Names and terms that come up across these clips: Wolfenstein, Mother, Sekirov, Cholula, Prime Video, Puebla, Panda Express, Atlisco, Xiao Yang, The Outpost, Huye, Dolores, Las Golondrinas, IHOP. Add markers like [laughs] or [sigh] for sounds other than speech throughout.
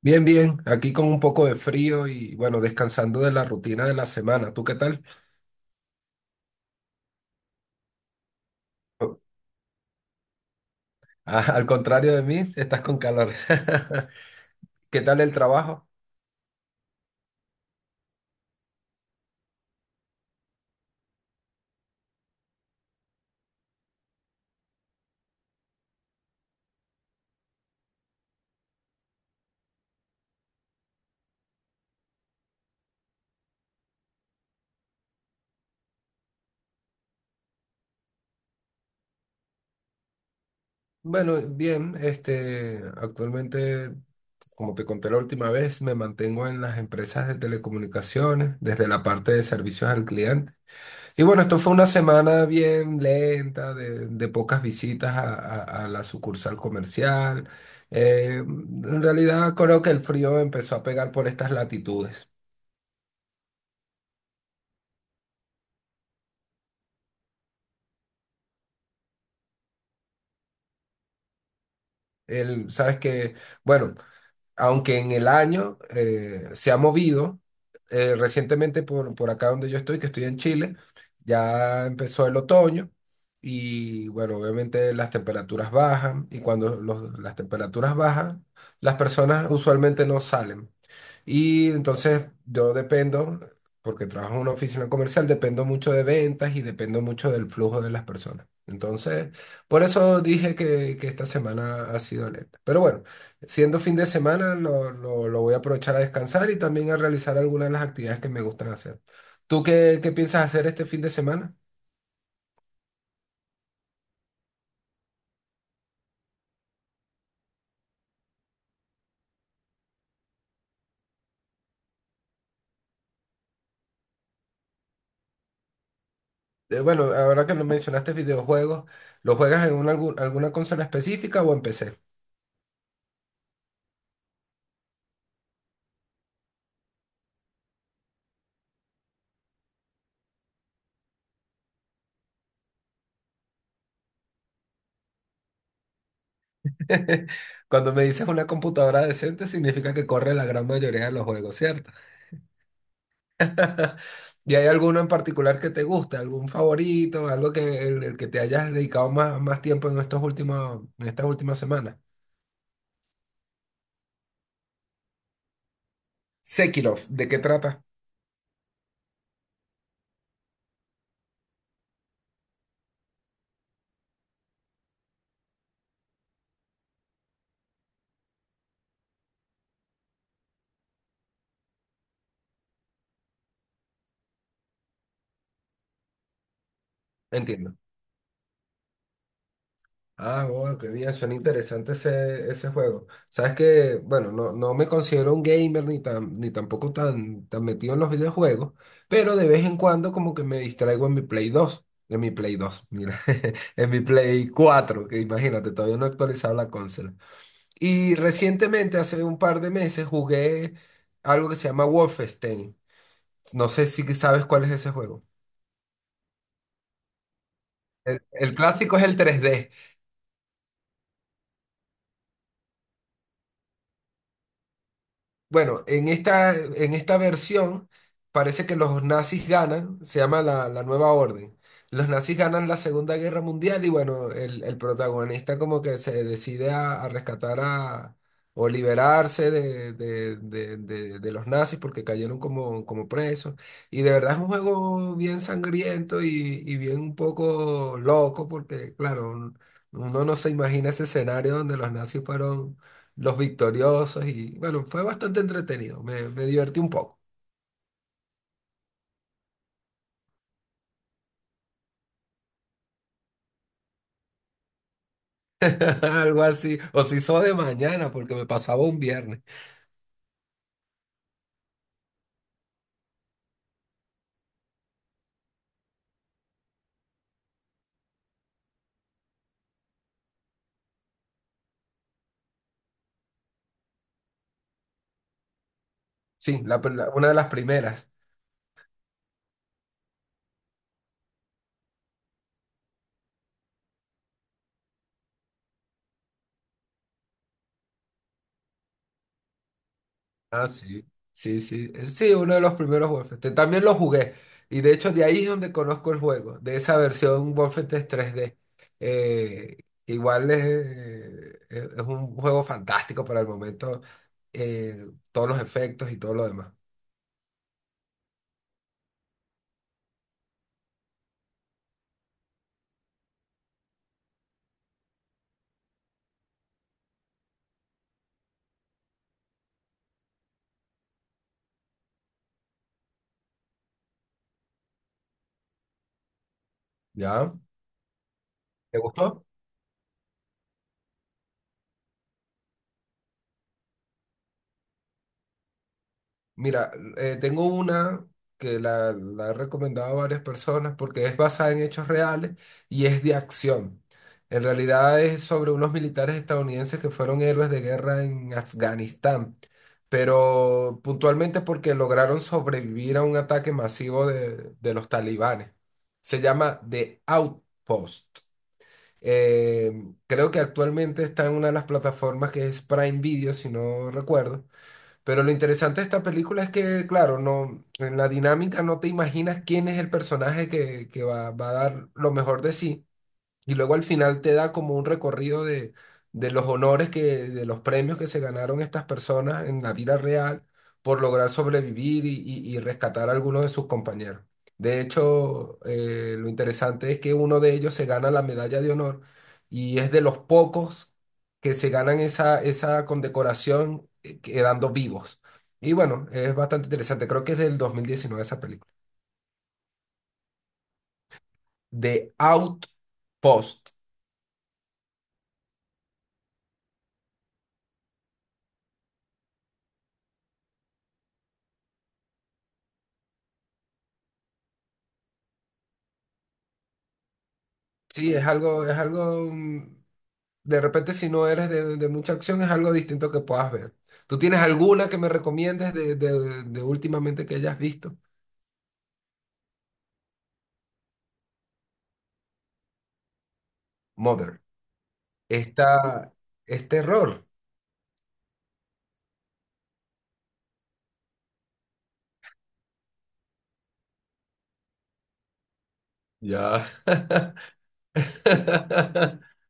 Bien, bien, aquí con un poco de frío y bueno, descansando de la rutina de la semana. ¿Tú qué tal? Ah, al contrario de mí, estás con calor. [laughs] ¿Qué tal el trabajo? Bueno, bien, actualmente, como te conté la última vez, me mantengo en las empresas de telecomunicaciones, desde la parte de servicios al cliente. Y bueno, esto fue una semana bien lenta, de pocas visitas a la sucursal comercial. En realidad creo que el frío empezó a pegar por estas latitudes. Sabes que, bueno, aunque en el año se ha movido, recientemente por acá donde yo estoy, que estoy en Chile, ya empezó el otoño y bueno, obviamente las temperaturas bajan y cuando las temperaturas bajan, las personas usualmente no salen. Y entonces yo dependo, porque trabajo en una oficina comercial, dependo mucho de ventas y dependo mucho del flujo de las personas. Entonces, por eso dije que esta semana ha sido lenta. Pero bueno, siendo fin de semana, lo voy a aprovechar a descansar y también a realizar algunas de las actividades que me gustan hacer. ¿Tú qué piensas hacer este fin de semana? Bueno, ahora que lo mencionaste videojuegos, ¿lo juegas en alguna consola específica o en PC? [laughs] Cuando me dices una computadora decente, significa que corre la gran mayoría de los juegos, ¿cierto? [laughs] ¿Y hay alguno en particular que te guste? ¿Algún favorito? ¿Algo que el que te hayas dedicado más tiempo en en estas últimas semanas? Sekirov, ¿de qué trata? Entiendo. Ah, bueno, qué bien, suena interesante ese juego. Sabes que, bueno, no, no me considero un gamer ni tampoco tan metido en los videojuegos, pero de vez en cuando como que me distraigo en mi Play 2, en mi Play 2, mira, [laughs] en mi Play 4, que imagínate, todavía no he actualizado la consola. Y recientemente, hace un par de meses, jugué algo que se llama Wolfenstein. No sé si sabes cuál es ese juego. El clásico es el 3D. Bueno, en esta versión parece que los nazis ganan, se llama la Nueva Orden. Los nazis ganan la Segunda Guerra Mundial y bueno, el protagonista como que se decide a rescatar o liberarse de los nazis porque cayeron como presos. Y de verdad es un juego bien sangriento y bien un poco loco porque claro, uno no se imagina ese escenario donde los nazis fueron los victoriosos y bueno, fue bastante entretenido, me divertí un poco, [laughs] algo así, o si hizo de mañana porque me pasaba un viernes, sí, una de las primeras. Ah, sí, sí, sí, sí, uno de los primeros Wolfenstein, también lo jugué, y de hecho de ahí es donde conozco el juego, de esa versión Wolfenstein 3D. Eh, Igual es un juego fantástico para el momento, todos los efectos y todo lo demás. ¿Ya? ¿Te gustó? Mira, tengo una que la he recomendado a varias personas porque es basada en hechos reales y es de acción. En realidad es sobre unos militares estadounidenses que fueron héroes de guerra en Afganistán, pero puntualmente porque lograron sobrevivir a un ataque masivo de los talibanes. Se llama The Outpost. Eh, Creo que actualmente está en una de las plataformas que es Prime Video, si no recuerdo. Pero lo interesante de esta película es que, claro, no, en la dinámica no te imaginas quién es el personaje que va a dar lo mejor de sí. Y luego al final te da como un recorrido de los honores de los premios que se ganaron estas personas en la vida real por lograr sobrevivir y rescatar a algunos de sus compañeros. De hecho, lo interesante es que uno de ellos se gana la medalla de honor y es de los pocos que se ganan esa condecoración, quedando vivos. Y bueno, es bastante interesante. Creo que es del 2019 esa película. The Outpost. Sí, de repente, si no eres de mucha acción, es algo distinto que puedas ver. ¿Tú tienes alguna que me recomiendes de últimamente que hayas visto? Mother. Esta es terror. Ya. [laughs]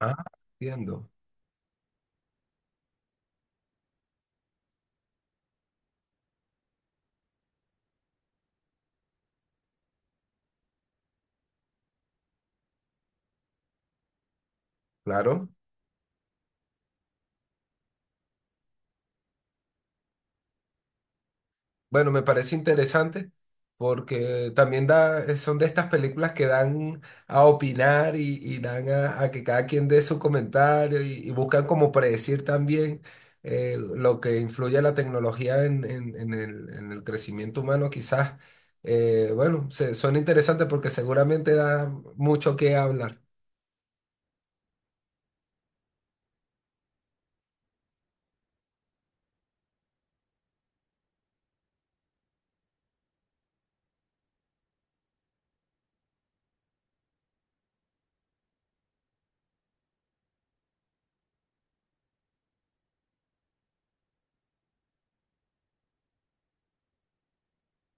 Ah, entiendo. Claro. Bueno, me parece interesante porque también son de estas películas que dan a opinar y dan a que cada quien dé su comentario y buscan como predecir también, lo que influye la tecnología en el crecimiento humano quizás. Bueno, son interesantes porque seguramente da mucho que hablar.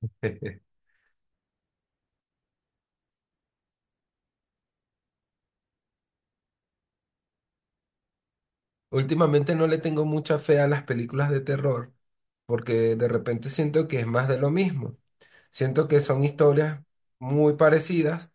[laughs] Últimamente no le tengo mucha fe a las películas de terror porque de repente siento que es más de lo mismo. Siento que son historias muy parecidas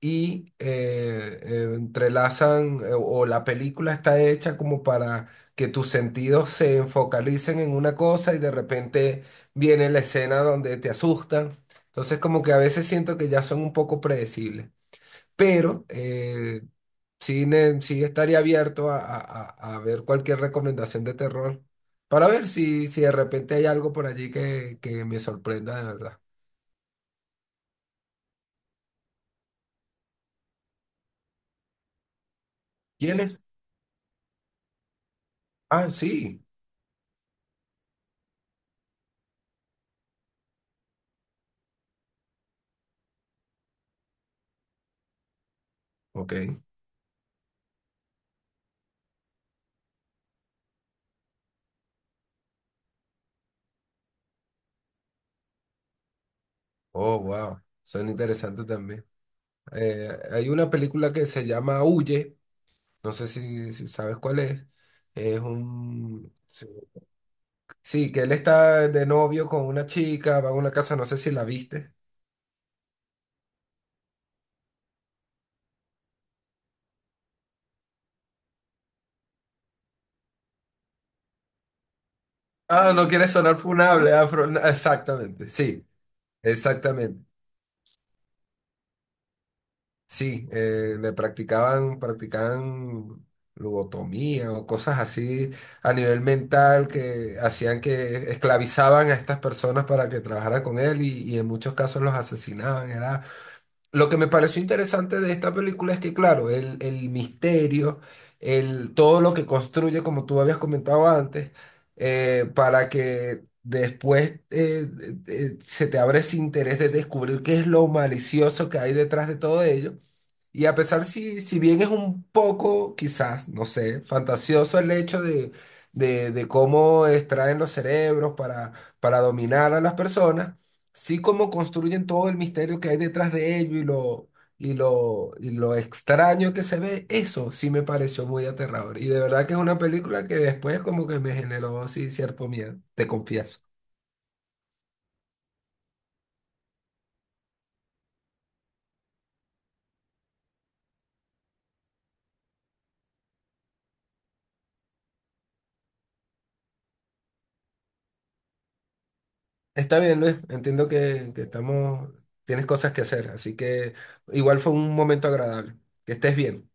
y entrelazan, o la película está hecha como para que tus sentidos se enfocalicen en una cosa y de repente viene la escena donde te asustan. Entonces como que a veces siento que ya son un poco predecibles, pero sí, sí estaría abierto a ver cualquier recomendación de terror para ver si de repente hay algo por allí que me sorprenda de verdad. ¿Quiénes Ah, sí. Ok. Oh, wow. Son interesantes también. Hay una película que se llama Huye. No sé si sabes cuál es. Sí, sí, que él está de novio con una chica, va a una casa, no sé si la viste. Ah, no quiere sonar funable, afro. Exactamente. Sí, le practicaban lobotomía o cosas así a nivel mental que hacían que esclavizaban a estas personas para que trabajaran con él y en muchos casos los asesinaban. Era lo que me pareció interesante de esta película es que, claro, el misterio, todo lo que construye, como tú habías comentado antes, para que después se te abra ese interés de descubrir qué es lo malicioso que hay detrás de todo ello. Y a pesar si bien es un poco, quizás, no sé, fantasioso el hecho de cómo extraen los cerebros para dominar a las personas, sí como construyen todo el misterio que hay detrás de ello y lo extraño que se ve, eso sí me pareció muy aterrador. Y de verdad que es una película que después como que me generó sí cierto miedo, te confieso. Está bien, Luis, entiendo que estamos, tienes cosas que hacer, así que igual fue un momento agradable. Que estés bien.